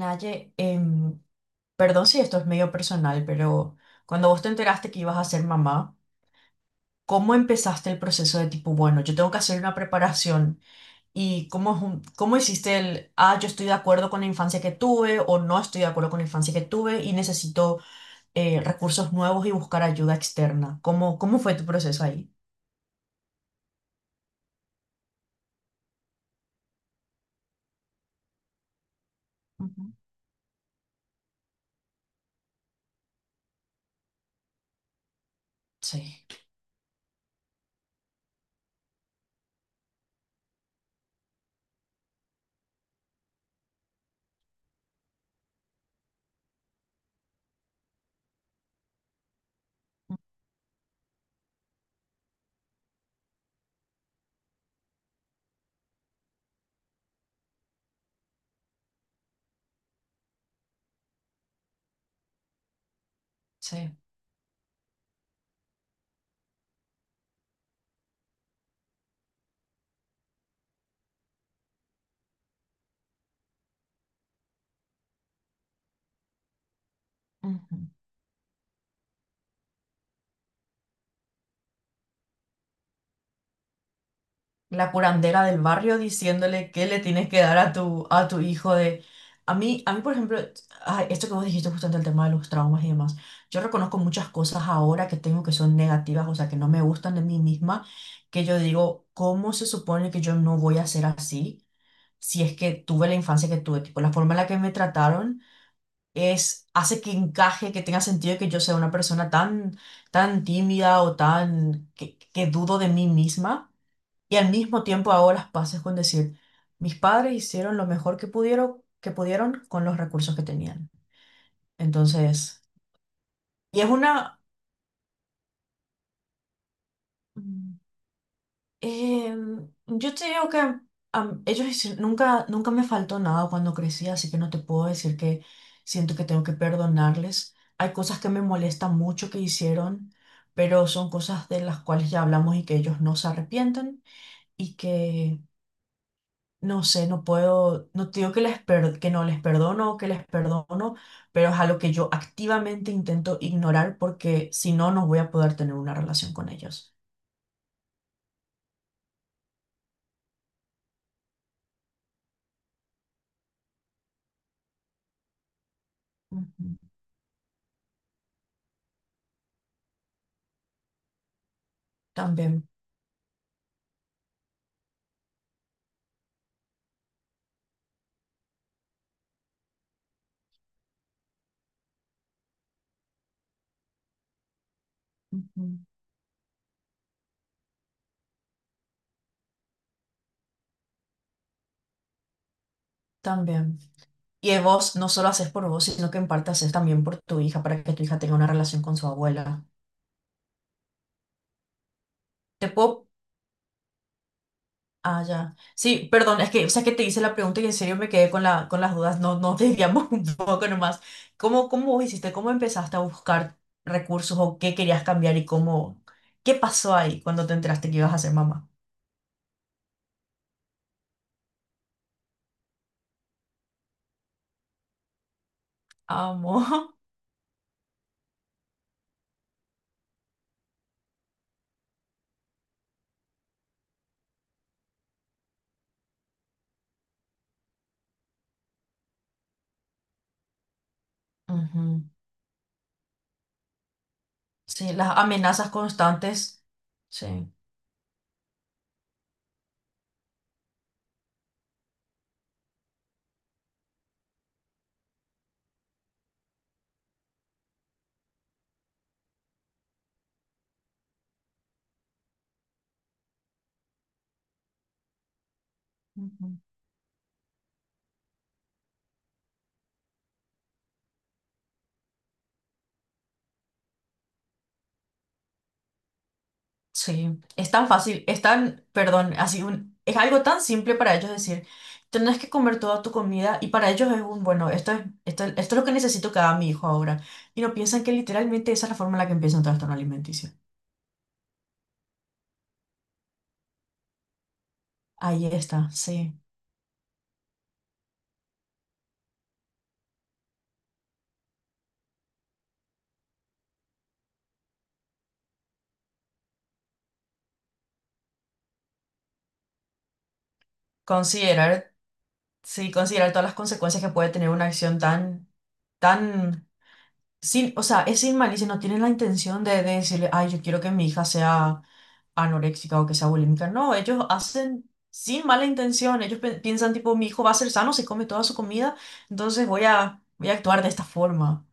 Naye, perdón si esto es medio personal, pero cuando vos te enteraste que ibas a ser mamá, ¿cómo empezaste el proceso de tipo, bueno, yo tengo que hacer una preparación? ¿Y cómo hiciste el, yo estoy de acuerdo con la infancia que tuve o no estoy de acuerdo con la infancia que tuve y necesito recursos nuevos y buscar ayuda externa? ¿Cómo fue tu proceso ahí? Ujú. Sí, sí. La curandera del barrio diciéndole qué le tienes que dar a tu hijo de. A mí, por ejemplo, ay, esto que vos dijiste justo ante el tema de los traumas y demás, yo reconozco muchas cosas ahora que tengo que son negativas, o sea, que no me gustan de mí misma, que yo digo, ¿cómo se supone que yo no voy a ser así si es que tuve la infancia que tuve? Tipo, la forma en la que me trataron es, hace que encaje, que tenga sentido que yo sea una persona tan, tan tímida o tan, que dudo de mí misma y al mismo tiempo hago las paces con decir, mis padres hicieron lo mejor que pudieron con los recursos que tenían. Entonces, y es una. mm, yo te digo que nunca, nunca me faltó nada cuando crecí, así que no te puedo decir que siento que tengo que perdonarles. Hay cosas que me molestan mucho que hicieron, pero son cosas de las cuales ya hablamos y que ellos no se arrepienten y que no sé, no puedo, no te digo que no les perdono o que les perdono, pero es algo que yo activamente intento ignorar porque si no, no voy a poder tener una relación con ellos. Ujú. También, ujú, también. Y vos no solo haces por vos, sino que en parte haces también por tu hija, para que tu hija tenga una relación con su abuela. Te puedo. Ah, ya. Sí, perdón, es que, o sea, que te hice la pregunta y en serio me quedé con las dudas, no, nos desviamos un poco nomás. ¿Cómo vos hiciste? ¿Cómo empezaste a buscar recursos o qué querías cambiar y cómo, qué pasó ahí cuando te enteraste que ibas a ser mamá? Amo. Ujú. Sí, las amenazas constantes. Sí. Sí, es tan fácil, es tan, perdón, es algo tan simple para ellos decir, tenés que comer toda tu comida y para ellos es un, bueno, esto es lo que necesito que haga mi hijo ahora. Y no piensan que literalmente esa es la forma en la que empieza un trastorno alimenticio. Ahí está, sí. Considerar, sí, considerar todas las consecuencias que puede tener una acción tan, tan, sin, o sea, es sin malicia, no tienen la intención de decirle, ay, yo quiero que mi hija sea anoréxica o que sea bulímica. No, ellos hacen sin mala intención. Ellos piensan tipo, mi hijo va a ser sano, se come toda su comida, entonces voy a, voy a actuar de esta forma.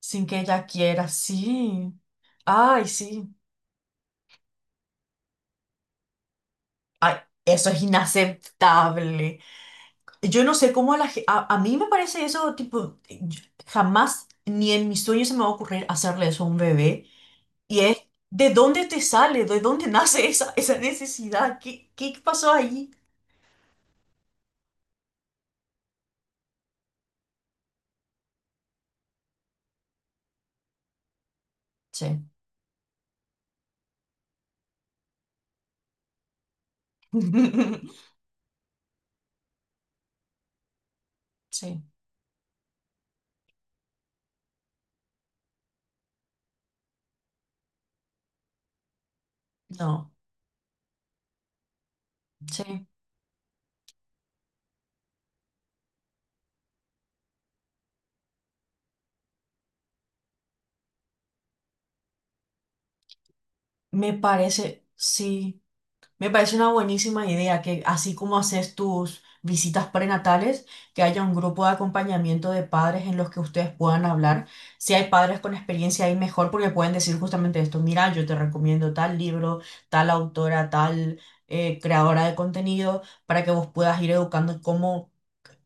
Sin que ella quiera, sí. Ay, sí. Ay, eso es inaceptable. Yo no sé cómo a la ge- a mí me parece eso, tipo, jamás ni en mis sueños se me va a ocurrir hacerle eso a un bebé. Y es, ¿de dónde te sale? ¿De dónde nace esa necesidad? ¿Qué pasó ahí? Sí. Sí, no, sí, sí, me parece una buenísima idea que así como haces tus visitas prenatales, que haya un grupo de acompañamiento de padres en los que ustedes puedan hablar. Si hay padres con experiencia ahí mejor porque pueden decir justamente esto, mira, yo te recomiendo tal libro, tal autora, tal creadora de contenido, para que vos puedas ir educando cómo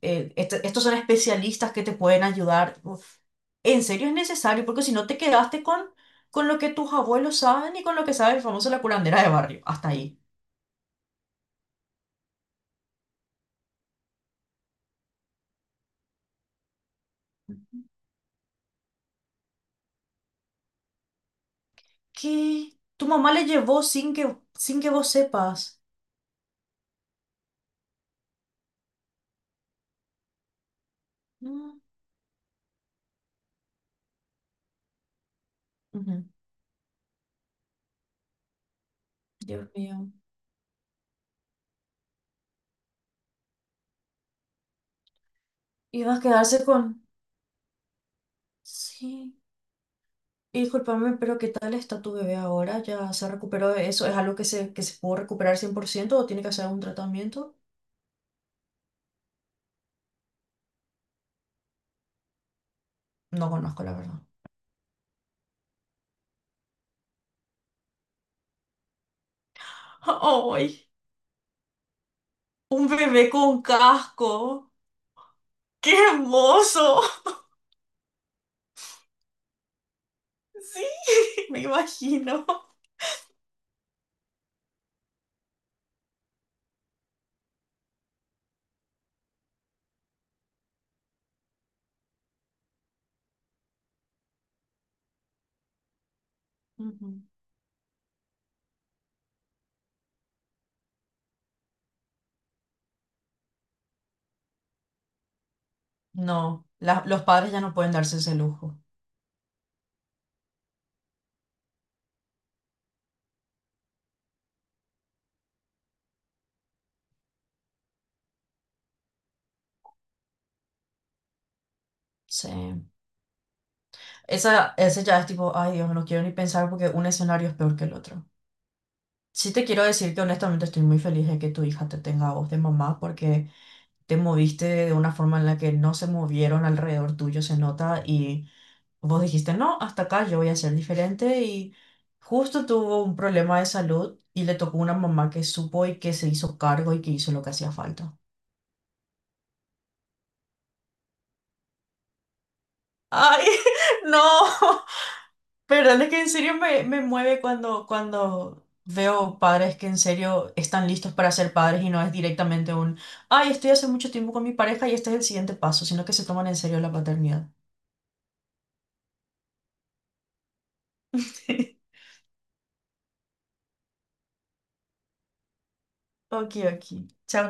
estos son especialistas que te pueden ayudar. Uf, en serio es necesario, porque si no te quedaste con lo que tus abuelos saben y con lo que sabe el famoso la curandera de barrio. Hasta ahí. ¿Qué? Tu mamá le llevó sin que vos sepas. No. Ujú. Dios mío. Ibas a quedarse con. Sí. Y discúlpame, pero ¿qué tal está tu bebé ahora? ¿Ya se recuperó de eso? ¿Es algo que se pudo recuperar 100% o tiene que hacer un tratamiento? No conozco, la verdad. ¡Ay! Un bebé con casco. ¡Qué hermoso! Sí, me imagino. Ujú. No, los padres ya no pueden darse ese lujo. Sí. Esa, ese ya es tipo, ay Dios, no quiero ni pensar porque un escenario es peor que el otro. Sí te quiero decir que honestamente estoy muy feliz de que tu hija te tenga a vos de mamá porque te moviste de una forma en la que no se movieron alrededor tuyo, se nota, y vos dijiste, no, hasta acá yo voy a ser diferente y justo tuvo un problema de salud y le tocó una mamá que supo y que se hizo cargo y que hizo lo que hacía falta. ¡Ay, no! Pero es que en serio me mueve cuando veo padres que en serio están listos para ser padres y no es directamente un, ay, estoy hace mucho tiempo con mi pareja y este es el siguiente paso, sino que se toman en serio la paternidad. Ok, ok. Chao.